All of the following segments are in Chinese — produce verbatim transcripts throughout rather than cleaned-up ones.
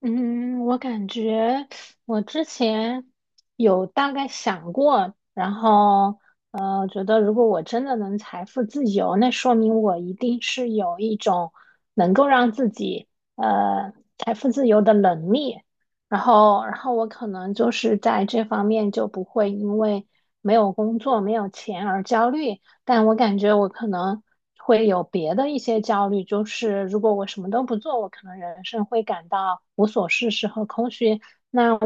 嗯，我感觉我之前有大概想过，然后呃，觉得如果我真的能财富自由，那说明我一定是有一种能够让自己呃财富自由的能力。然后，然后我可能就是在这方面就不会因为没有工作、没有钱而焦虑，但我感觉我可能会有别的一些焦虑，就是如果我什么都不做，我可能人生会感到无所事事和空虚，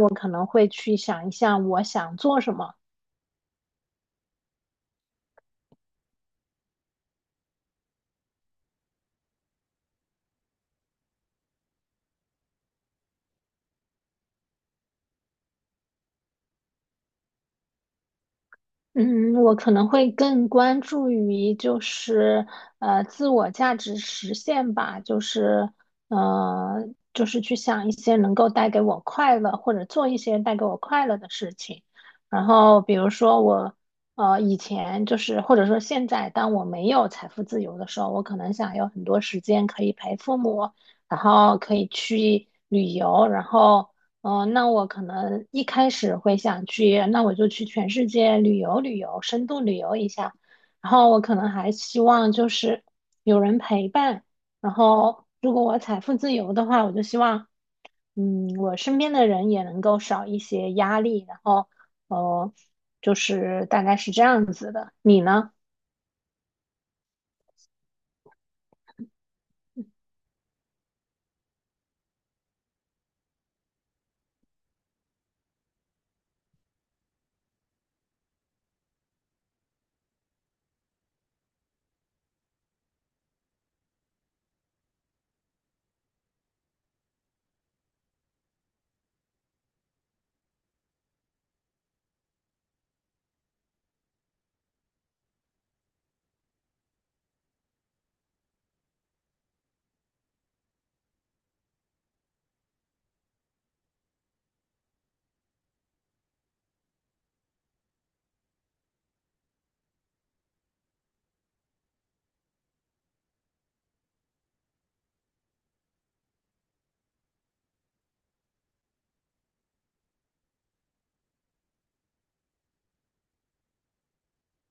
我可能会去想一下，我想做什么。嗯，我可能会更关注于就是呃自我价值实现吧，就是呃就是去想一些能够带给我快乐，或者做一些带给我快乐的事情。然后比如说我呃以前就是或者说现在，当我没有财富自由的时候，我可能想有很多时间可以陪父母，然后可以去旅游。然后。哦，那我可能一开始会想去，那我就去全世界旅游旅游，深度旅游一下。然后我可能还希望就是有人陪伴。然后如果我财富自由的话，我就希望，嗯，我身边的人也能够少一些压力。然后，哦，就是大概是这样子的。你呢？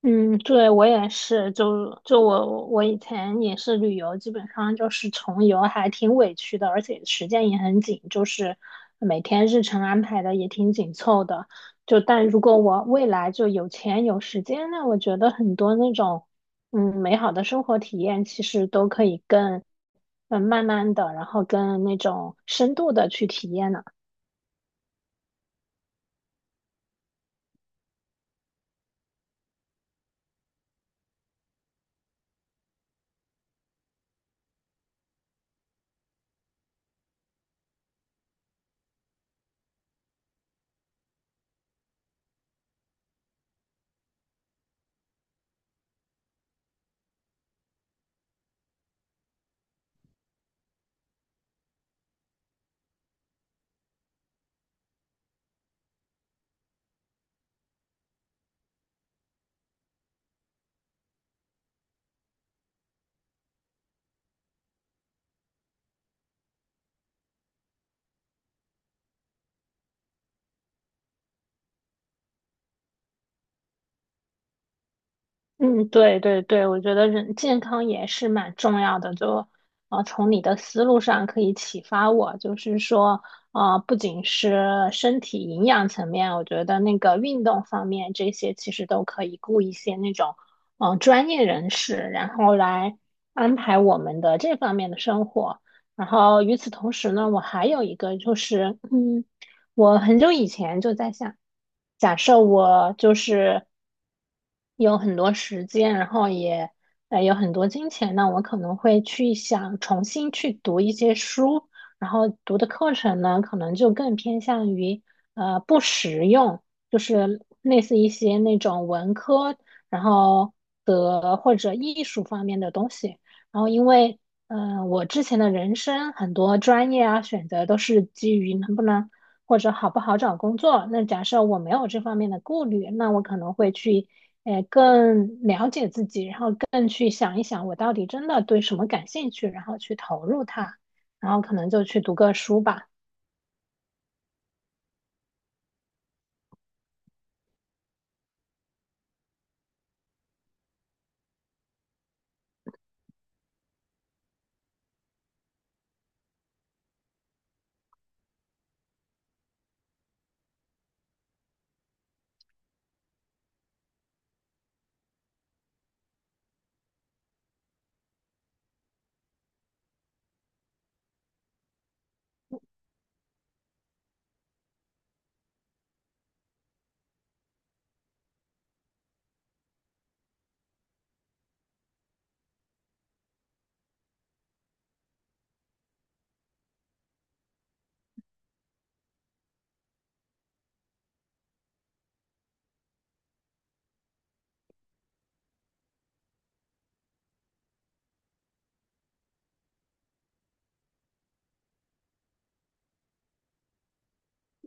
嗯，对，我也是，就就我我以前也是旅游，基本上就是穷游，还挺委屈的，而且时间也很紧，就是每天日程安排的也挺紧凑的。就但如果我未来就有钱有时间，那我觉得很多那种嗯美好的生活体验，其实都可以更嗯慢慢的，然后更那种深度的去体验呢。嗯，对对对，我觉得人健康也是蛮重要的。就，呃，从你的思路上可以启发我，就是说，呃，不仅是身体营养层面，我觉得那个运动方面这些其实都可以雇一些那种，嗯、专业人士，然后来安排我们的这方面的生活。然后与此同时呢，我还有一个就是，嗯。我很久以前就在想，假设我就是有很多时间，然后也呃有很多金钱，那我可能会去想重新去读一些书，然后读的课程呢，可能就更偏向于呃不实用，就是类似一些那种文科，然后的或者艺术方面的东西。然后因为嗯、呃我之前的人生很多专业啊选择都是基于能不能，或者好不好找工作。那假设我没有这方面的顾虑，那我可能会去，呃，更了解自己，然后更去想一想我到底真的对什么感兴趣，然后去投入它，然后可能就去读个书吧。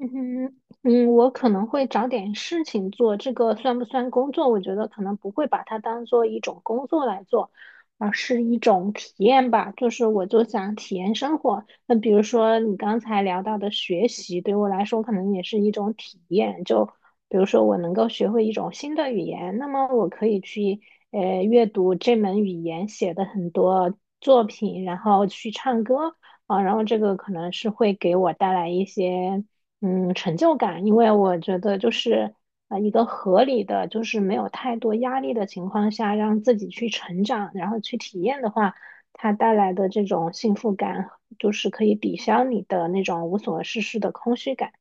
嗯哼，嗯，我可能会找点事情做，这个算不算工作？我觉得可能不会把它当做一种工作来做，而是一种体验吧。就是我就想体验生活。那比如说你刚才聊到的学习，对我来说可能也是一种体验。就比如说我能够学会一种新的语言，那么我可以去呃阅读这门语言写的很多作品，然后去唱歌。啊，然后这个可能是会给我带来一些嗯成就感，因为我觉得就是呃，一个合理的，就是没有太多压力的情况下，让自己去成长，然后去体验的话，它带来的这种幸福感，就是可以抵消你的那种无所事事的空虚感。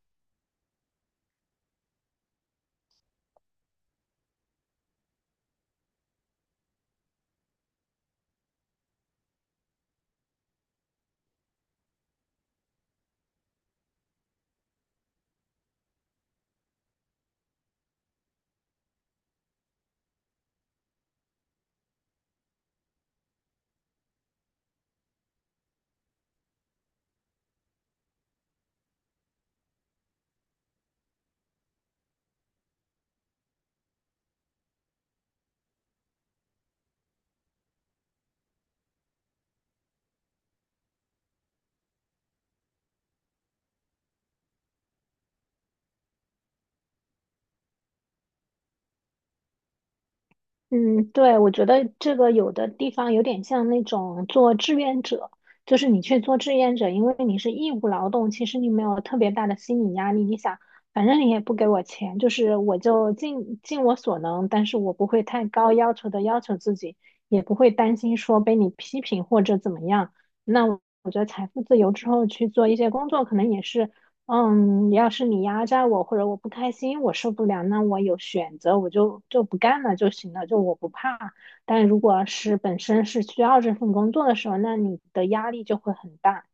嗯，对，我觉得这个有的地方有点像那种做志愿者，就是你去做志愿者，因为你是义务劳动，其实你没有特别大的心理压力。你想，反正你也不给我钱，就是我就尽尽我所能，但是我不会太高要求的要求自己，也不会担心说被你批评或者怎么样。那我我觉得财富自由之后去做一些工作，可能也是。嗯，要是你压榨我或者我不开心，我受不了，那我有选择，我就就不干了就行了，就我不怕。但如果是本身是需要这份工作的时候，那你的压力就会很大。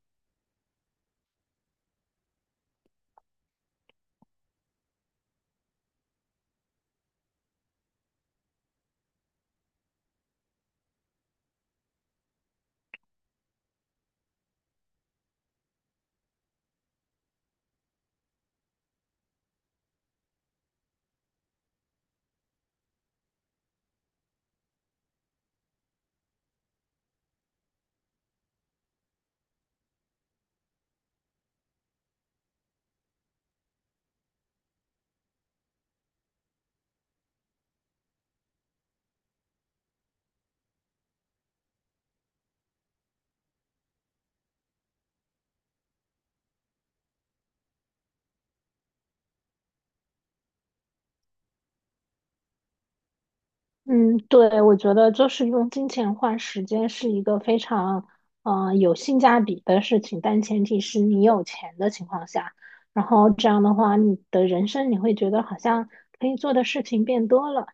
嗯，对，我觉得就是用金钱换时间是一个非常嗯、呃有性价比的事情，但前提是你有钱的情况下，然后这样的话，你的人生你会觉得好像可以做的事情变多了。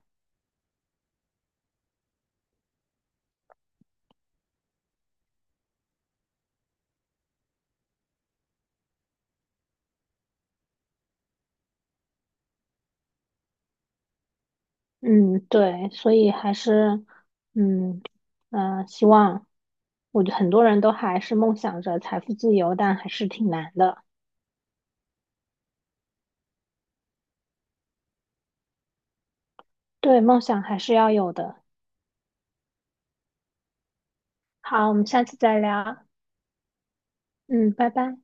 嗯，对，所以还是，嗯嗯、呃希望，我觉得很多人都还是梦想着财富自由，但还是挺难的。对，梦想还是要有的。好，我们下次再聊。嗯，拜拜。